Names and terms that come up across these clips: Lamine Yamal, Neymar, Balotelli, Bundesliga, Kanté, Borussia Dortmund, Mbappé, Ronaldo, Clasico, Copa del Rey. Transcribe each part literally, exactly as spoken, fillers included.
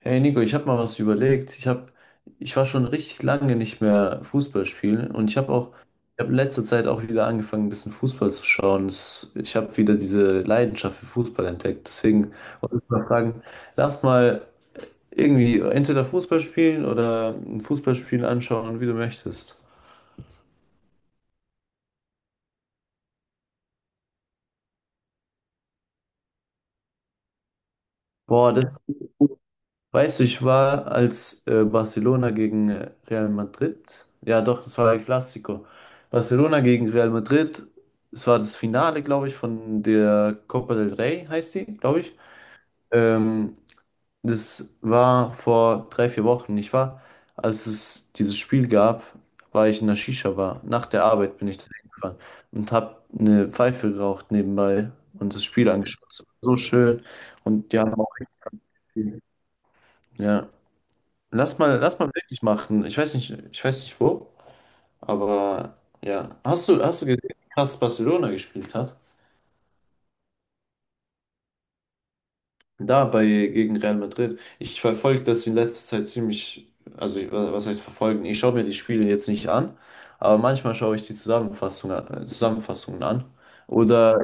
Hey Nico, ich habe mal was überlegt. Ich hab, ich war schon richtig lange nicht mehr Fußball spielen und ich habe auch, ich habe in letzter Zeit auch wieder angefangen, ein bisschen Fußball zu schauen. Das, ich habe wieder diese Leidenschaft für Fußball entdeckt. Deswegen wollte ich mal fragen, lass mal irgendwie entweder Fußball spielen oder ein Fußballspiel anschauen, wie du möchtest. Boah, das Weißt du, ich war als äh, Barcelona gegen äh, Real Madrid. Ja, doch, das war ein Clasico. Barcelona gegen Real Madrid. Es war das Finale, glaube ich, von der Copa del Rey, heißt sie, glaube ich. Ähm, das war vor drei, vier Wochen. Ich war, als es dieses Spiel gab, war ich in der Shisha-Bar. Nach der Arbeit bin ich da hingefahren und habe eine Pfeife geraucht nebenbei und das Spiel angeschaut. Es war so schön und die haben auch. Ja. Lass mal, lass mal wirklich machen. Ich weiß nicht, ich weiß nicht wo, aber ja. Hast du, hast du gesehen, dass Barcelona gespielt hat? Da bei, gegen Real Madrid. Ich verfolge das in letzter Zeit ziemlich, also ich- was heißt verfolgen? Ich schaue mir die Spiele jetzt nicht an, aber manchmal schaue ich die Zusammenfassung, äh, Zusammenfassungen an. Oder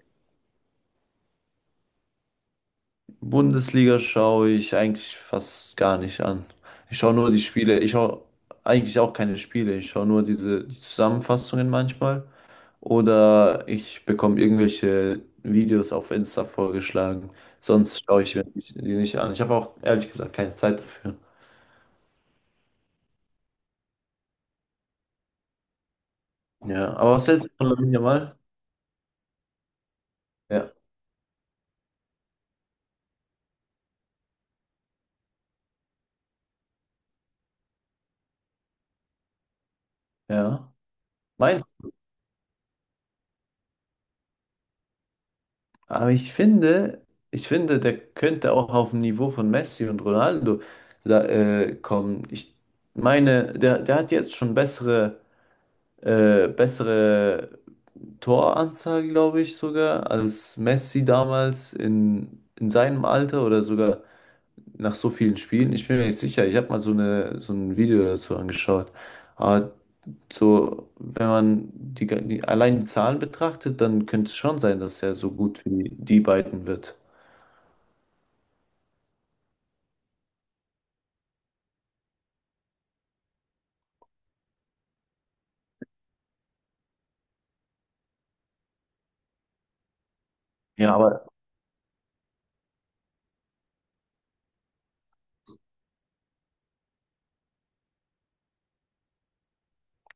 Bundesliga schaue ich eigentlich fast gar nicht an. Ich schaue nur die Spiele. Ich schaue eigentlich auch keine Spiele. Ich schaue nur diese die Zusammenfassungen manchmal. Oder ich bekomme irgendwelche Videos auf Insta vorgeschlagen. Sonst schaue ich mir die die nicht an. Ich habe auch ehrlich gesagt keine Zeit dafür. Ja, aber was hältst du von Lamine Yamal? Ja, ja. Meinst Aber ich finde, ich finde, der könnte auch auf dem Niveau von Messi und Ronaldo da, äh, kommen. Ich meine, der, der hat jetzt schon bessere, äh, bessere Toranzahl, glaube ich, sogar, als Messi damals in, in seinem Alter oder sogar nach so vielen Spielen. Ich bin mir nicht sicher. Ich habe mal so eine, so ein Video dazu angeschaut. Aber so, wenn man die, die, allein die Zahlen betrachtet, dann könnte es schon sein, dass er so gut wie die beiden wird. Ja, aber,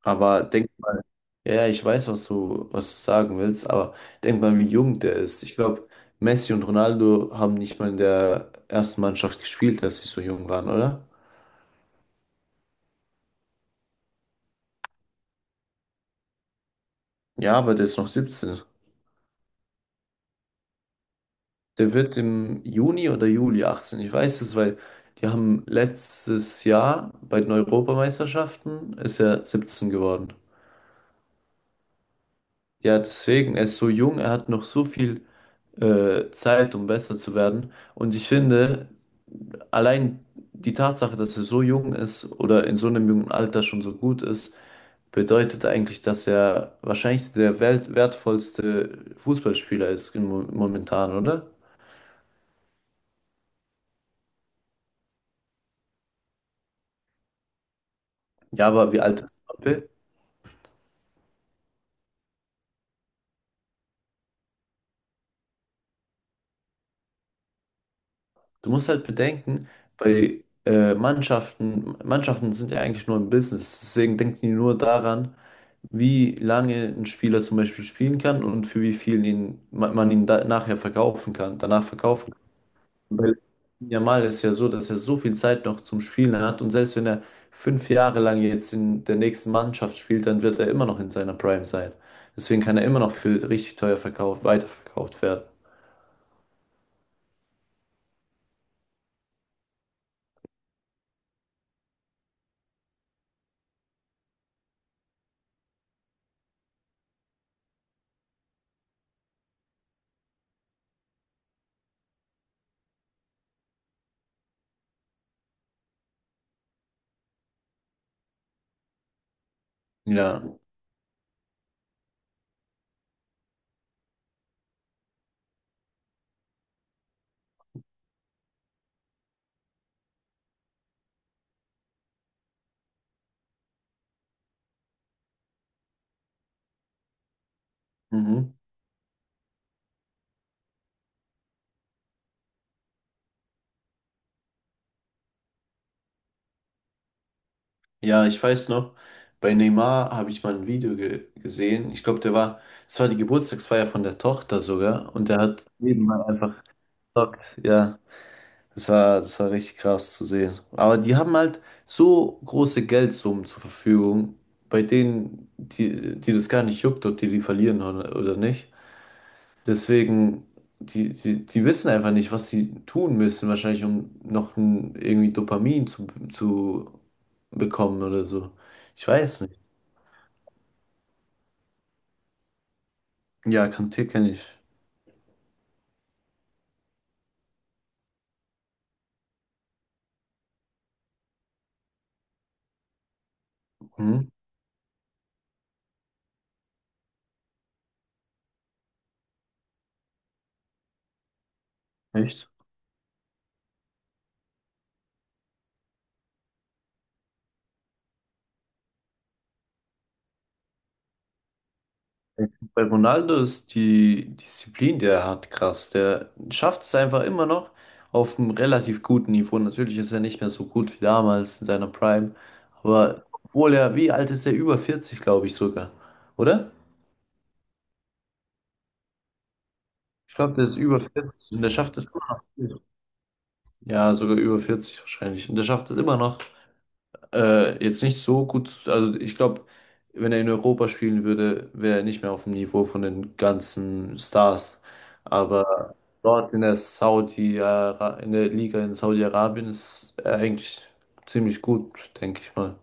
aber denk mal, ja, ja, ich weiß, was du, was du sagen willst, aber denk mal, wie jung der ist. Ich glaube, Messi und Ronaldo haben nicht mal in der ersten Mannschaft gespielt, als sie so jung waren, oder? Ja, aber der ist noch siebzehn. Der wird im Juni oder Juli achtzehn. Ich weiß es, weil die haben letztes Jahr bei den Europameisterschaften ist er siebzehn geworden. Ja, deswegen, er ist so jung, er hat noch so viel äh, Zeit, um besser zu werden. Und ich finde, allein die Tatsache, dass er so jung ist oder in so einem jungen Alter schon so gut ist, bedeutet eigentlich, dass er wahrscheinlich der wel- wertvollste Fußballspieler ist im Mo- momentan, oder? Ja, aber wie alt ist Mbappé? Du musst halt bedenken, bei äh, Mannschaften, Mannschaften sind ja eigentlich nur ein Business, deswegen denken die nur daran, wie lange ein Spieler zum Beispiel spielen kann und für wie viel ihn, man, man ihn da, nachher verkaufen kann, danach verkaufen kann. Weil Yamal ist ja so, dass er so viel Zeit noch zum Spielen hat und selbst wenn er fünf Jahre lang jetzt in der nächsten Mannschaft spielt, dann wird er immer noch in seiner Prime sein. Deswegen kann er immer noch für richtig teuer verkauft, weiterverkauft werden. Ja, mhm. Ja, ich weiß noch, bei Neymar habe ich mal ein Video ge gesehen. Ich glaube, der war, es war die Geburtstagsfeier von der Tochter sogar und der hat nebenbei einfach Stock, ja. Das war, das war richtig krass zu sehen. Aber die haben halt so große Geldsummen zur Verfügung, bei denen, die, die das gar nicht juckt, ob die die verlieren oder oder nicht. Deswegen, die, die, die wissen einfach nicht, was sie tun müssen, wahrscheinlich, um noch ein, irgendwie Dopamin zu, zu bekommen oder so. Ich weiß nicht. Ja, Kanté kenne ich. Mhm. Echt? Bei Ronaldo ist die Disziplin, die er hat, krass. Der schafft es einfach immer noch auf einem relativ guten Niveau. Natürlich ist er nicht mehr so gut wie damals in seiner Prime. Aber obwohl er, wie alt ist er? Über vierzig, glaube ich sogar. Oder? Ich glaube, der ist über vierzig und der schafft es immer noch. Ja, sogar über vierzig wahrscheinlich. Und der schafft es immer noch, Äh, jetzt nicht so gut, also ich glaube, wenn er in Europa spielen würde, wäre er nicht mehr auf dem Niveau von den ganzen Stars. Aber dort in der Saudi, Ara- in der Liga in Saudi-Arabien ist er eigentlich ziemlich gut, denke ich mal.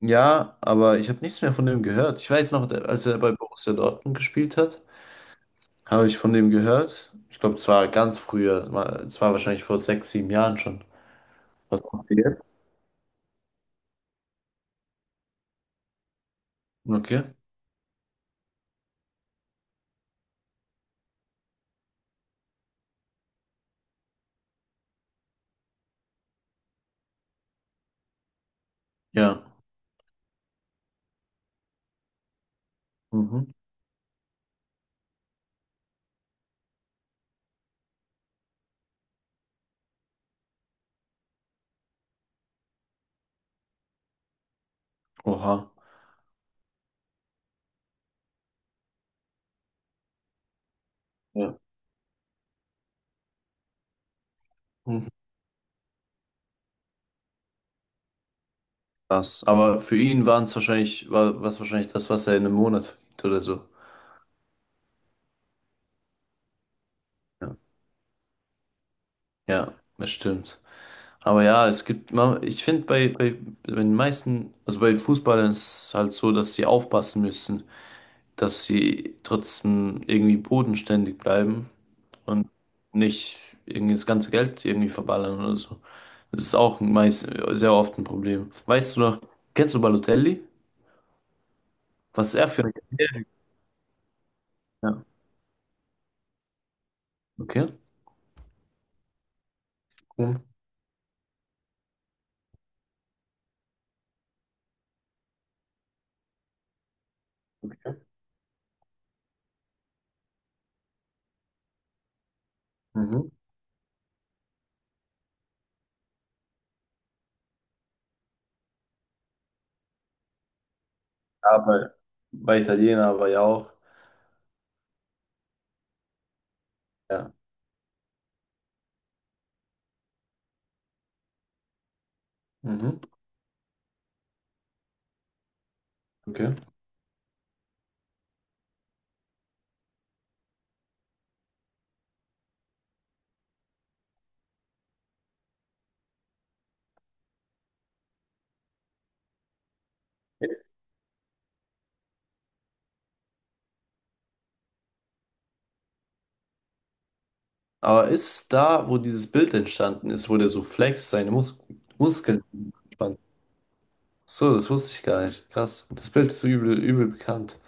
Ja, aber ich habe nichts mehr von dem gehört. Ich weiß noch, als er bei Borussia Dortmund gespielt hat, habe ich von dem gehört. Ich glaube, zwar ganz früher, war- es war wahrscheinlich vor sechs, sieben Jahren schon. Was macht er jetzt? Okay. Ja. Mhm. Oha. Mhm. Krass. Aber für ihn waren es wahrscheinlich, war was wahrscheinlich das, was er in einem Monat verdient oder so. Ja, Ja, das stimmt. Aber ja, es gibt, ma- ich finde bei, bei, bei den meisten, also bei den Fußballern ist es halt so, dass sie aufpassen müssen, dass sie trotzdem irgendwie bodenständig bleiben und nicht irgendwie das ganze Geld irgendwie verballern oder so. Das ist auch meist, sehr oft ein Problem. Weißt du noch, kennst du Balotelli? Was er für ein. Ja, okay. Mhm. Mhm. Ja, bei, bei Italiener war ja auch. Ja. Mhm. Okay. Ist, aber ist da, wo dieses Bild entstanden ist, wo der so flext, seine Mus Muskeln spannt? So, das wusste ich gar nicht. Krass. Das Bild ist so übel, übel bekannt.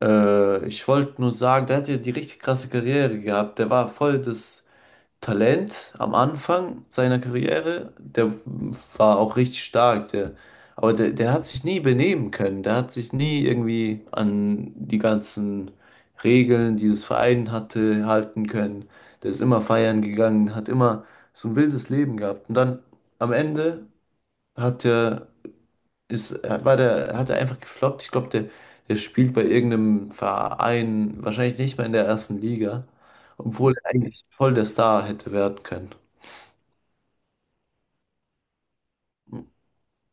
Äh, ich wollte nur sagen, der hat ja die richtig krasse Karriere gehabt. Der war voll das. Talent am Anfang seiner Karriere, der war auch richtig stark, der, aber der, der hat sich nie benehmen können, der hat sich nie irgendwie an die ganzen Regeln, die das Verein hatte, halten können. Der ist immer feiern gegangen, hat immer so ein wildes Leben gehabt. Und dann am Ende hat er, ist, war der, hat er einfach gefloppt. Ich glaube, der, der spielt bei irgendeinem Verein, wahrscheinlich nicht mehr in der ersten Liga, obwohl er eigentlich voll der Star hätte werden können. Mm,